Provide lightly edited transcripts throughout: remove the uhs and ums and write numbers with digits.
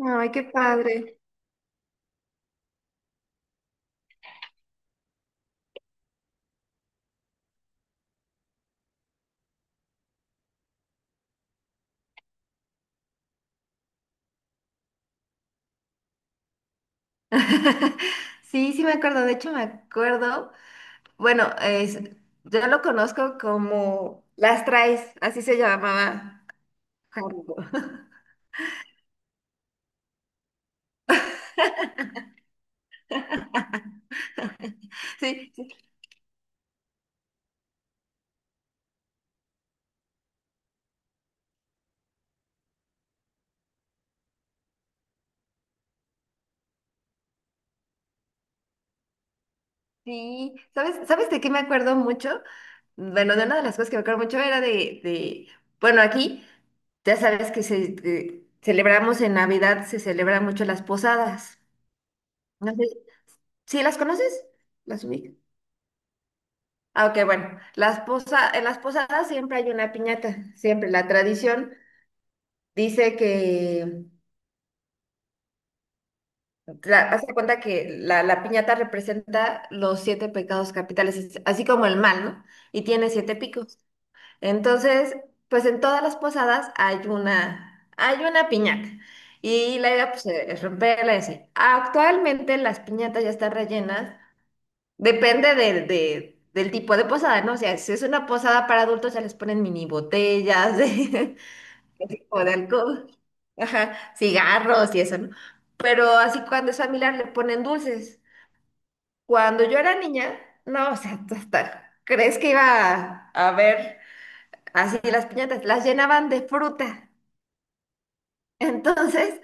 Ay, qué padre. Sí, sí me acuerdo, de hecho me acuerdo, bueno, es, yo lo conozco como Las Traes, así se llamaba Haruko. Sí, sí, sí. ¿Sabes, sabes de qué me acuerdo mucho? Bueno, de una de las cosas que me acuerdo mucho era de bueno, aquí ya sabes que celebramos en Navidad, se celebran mucho las posadas. No sé, ¿sí las conoces? ¿Las ubicas? Ah, ok, bueno, en las posadas siempre hay una piñata, siempre. La tradición dice que, haz de cuenta que la piñata representa los siete pecados capitales, así como el mal, ¿no? Y tiene siete picos. Entonces, pues en todas las posadas hay una piñata. Y la idea, pues, es romperla y así. Actualmente las piñatas ya están rellenas. Depende del tipo de posada, ¿no? O sea, si es una posada para adultos, ya les ponen mini botellas de, de tipo de alcohol, ajá, cigarros y eso, ¿no? Pero así cuando es familiar le ponen dulces. Cuando yo era niña, no, o sea, hasta crees que iba a ver, así las piñatas, las llenaban de fruta. Entonces,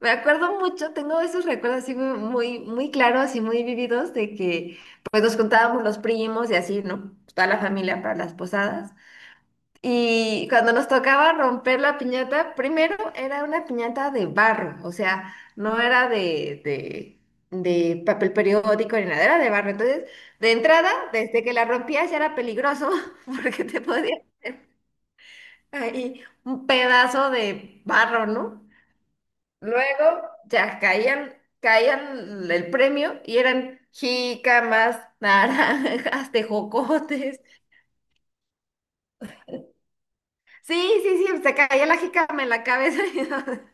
me acuerdo mucho, tengo esos recuerdos así muy, muy, muy claros y muy vividos de que pues nos juntábamos los primos y así, ¿no? Toda la familia para las posadas. Y cuando nos tocaba romper la piñata, primero era una piñata de barro, o sea, no era de papel periódico ni nada, era de barro. Entonces, de entrada, desde que la rompías ya era peligroso porque te podía ahí un pedazo de barro, ¿no? Luego ya caían, caían el premio y eran jícamas, naranjas, tejocotes. Sí, sí, sí, se caía la jícama en la cabeza.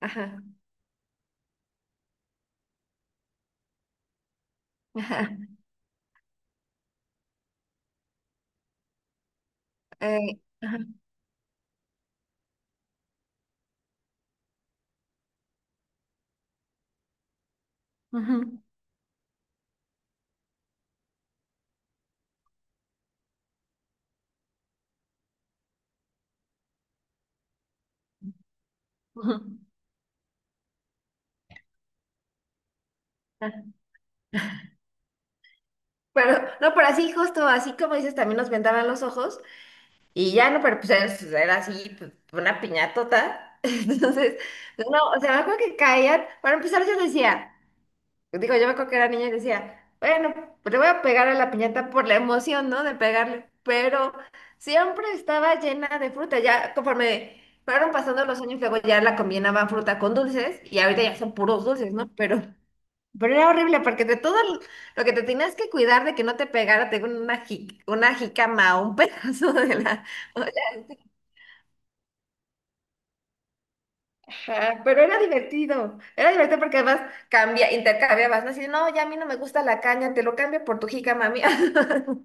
Ajá, ajá, ajá, ujú, ujú, ajá. Pero, no, pero así justo, así como dices, también nos vendaban los ojos y ya no, pero pues era así, pues, una piñatota. Entonces, no, o sea, me acuerdo que caían, para empezar yo decía... Digo, yo me acuerdo que era niña y decía, bueno, pues le voy a pegar a la piñata por la emoción, ¿no? De pegarle, pero siempre estaba llena de fruta. Ya conforme fueron pasando los años, luego ya la combinaban fruta con dulces y ahorita ya son puros dulces, ¿no? Pero era horrible porque de todo lo que te tenías que cuidar de que no te pegara, tengo una, una jicama o un pedazo de la... Ajá, pero era divertido porque además cambia, intercambiabas, ¿no? Así, no, ya a mí no me gusta la caña, te lo cambio por tu jícama mía.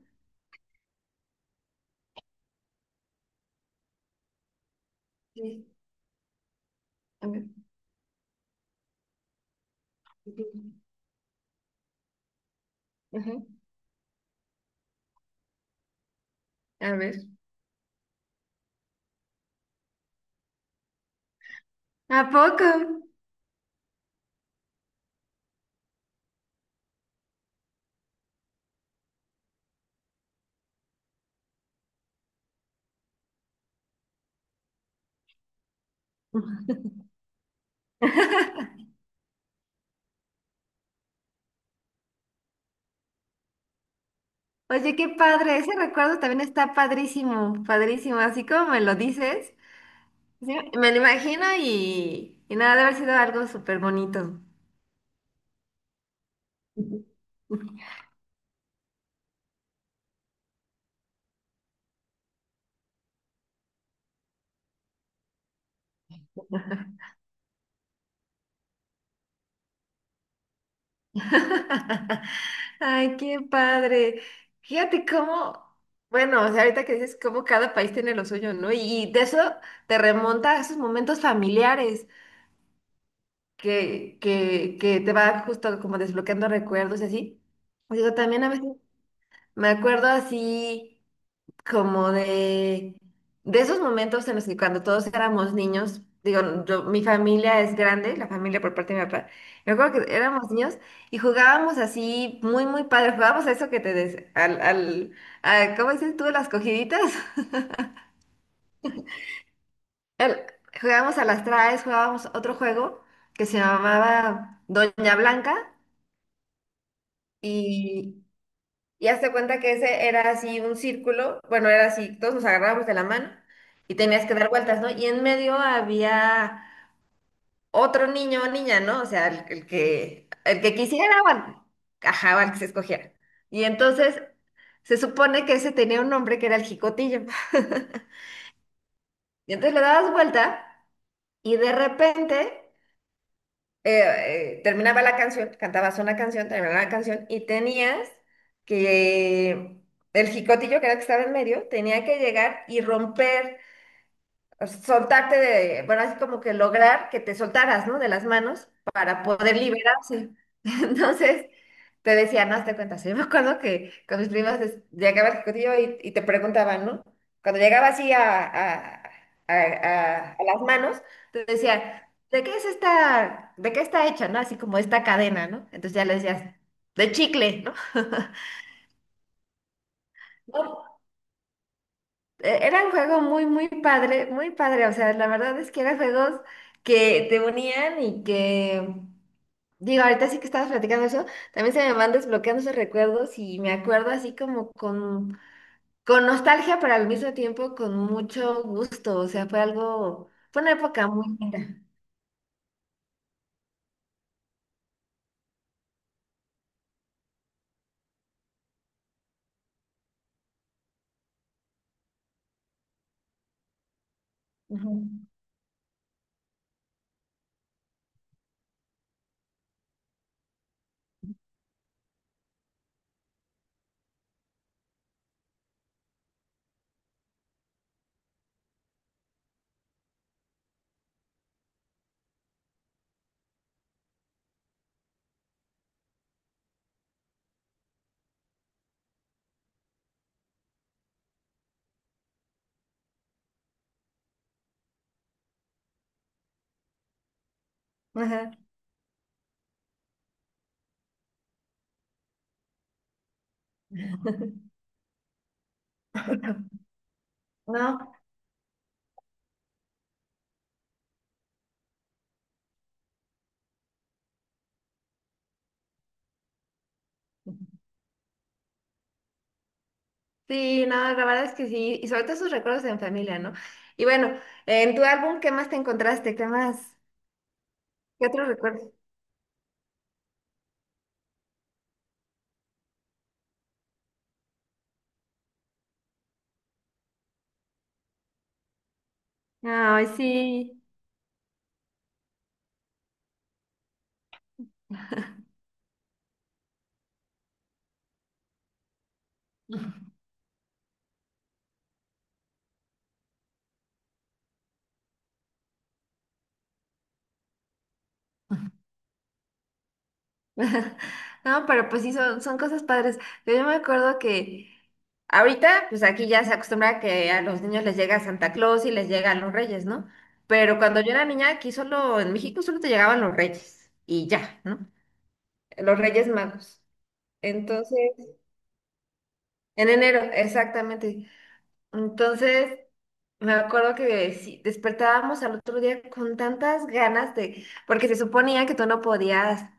Sí, a ver. Ujú. A ver. ¿A poco? Oye, qué padre. Ese recuerdo también está padrísimo, padrísimo. Así como me lo dices, sí, me lo imagino y nada, debe haber sido algo súper bonito. Ujú. Ay, qué padre. Fíjate cómo, bueno, o sea, ahorita que dices cómo cada país tiene lo suyo, ¿no? Y de eso te remonta a esos momentos familiares, que, que te va justo como desbloqueando recuerdos y así. Digo, también a veces me acuerdo así como de esos momentos en los que cuando todos éramos niños, digo, yo, mi familia es grande, la familia por parte de mi papá, me acuerdo que éramos niños y jugábamos así muy, muy padre, jugábamos a eso que te des, ¿cómo dices tú? Las cogiditas. El- Jugábamos a las traes, jugábamos otro juego que se llamaba Doña Blanca. Y, y hazte cuenta que ese era así un círculo, bueno, era así, todos nos agarrábamos de la mano y tenías que dar vueltas, ¿no? Y en medio había otro niño o niña, ¿no? O sea, el que quisiera o al, ajá, o al que se escogiera. Y entonces se supone que ese tenía un nombre que era el jicotillo. Y entonces le dabas vuelta y de repente terminaba la canción, cantabas una canción, terminaba la canción y tenías que, el jicotillo que era el que estaba en medio, tenía que llegar y romper, soltarte de, bueno, así como que lograr que te soltaras, ¿no? De las manos para poder liberarse. Entonces, te decía, no, te cuentas. Yo me acuerdo que con mis primas llegaba al ejecutiva y te preguntaban, ¿no? Cuando llegaba así a las manos, te decía, ¿de qué es esta, de qué está hecha, ¿no? Así como esta cadena, ¿no? Entonces ya le decías, de chicle, ¿no? Era un juego muy, muy padre, muy padre. O sea, la verdad es que eran juegos que te unían y que, digo, ahorita sí que estabas platicando eso, también se me van desbloqueando esos recuerdos y me acuerdo así como con nostalgia, pero al mismo tiempo con mucho gusto. O sea, fue algo, fue una época muy linda. Ujú. Ajá. No, sí, no, la verdad es que sí. Y sobre todo esos recuerdos en familia, ¿no? Y bueno, en tu álbum, ¿qué más te encontraste? ¿Qué más? ¿Qué otro recuerdo? Ay, sí. No, pero pues sí, son, son cosas padres. Yo me acuerdo que ahorita, pues aquí ya se acostumbra que a los niños les llega Santa Claus y les llegan los reyes, ¿no? Pero cuando yo era niña, aquí solo, en México solo te llegaban los reyes y ya, ¿no? Los reyes magos. Entonces, en enero, exactamente. Entonces, me acuerdo que sí, despertábamos al otro día con tantas ganas de, porque se suponía que tú no podías.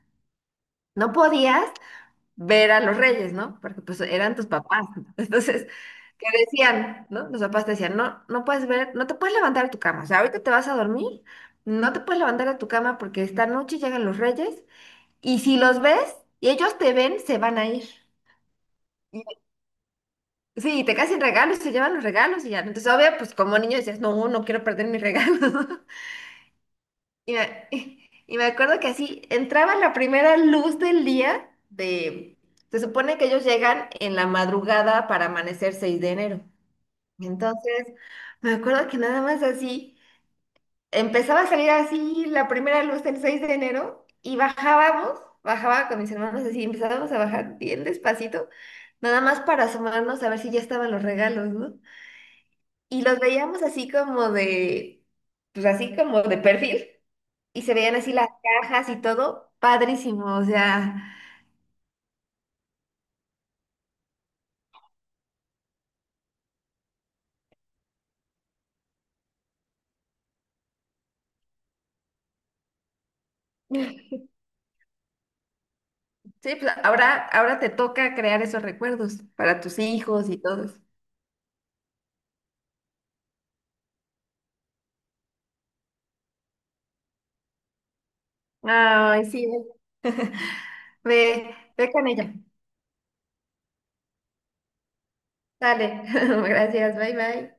No podías ver a los reyes, ¿no? Porque pues eran tus papás. Entonces, ¿qué decían, ¿no? Los papás te decían, no, no puedes ver, no te puedes levantar de tu cama. O sea, ahorita te vas a dormir, no te puedes levantar de tu cama porque esta noche llegan los reyes y si los ves y ellos te ven, se van a ir. Y- Sí, y te caen sin regalos, se llevan los regalos y ya. Entonces, obvio, pues como niño decías, no, no quiero perder mis regalos. Y me, y me acuerdo que así entraba la primera luz del día de... Se supone que ellos llegan en la madrugada para amanecer 6 de enero. Entonces, me acuerdo que nada más así, empezaba a salir así la primera luz del 6 de enero y bajábamos, bajaba con mis hermanos así, empezábamos a bajar bien despacito, nada más para asomarnos a ver si ya estaban los regalos, ¿no? Y los veíamos así como de, pues así como de perfil, y se veían así las cajas y todo, padrísimo, o sea, sí, pues ahora, ahora te toca crear esos recuerdos para tus hijos y todos. Ay, sí, ve, ve con ella. Dale, gracias, bye bye.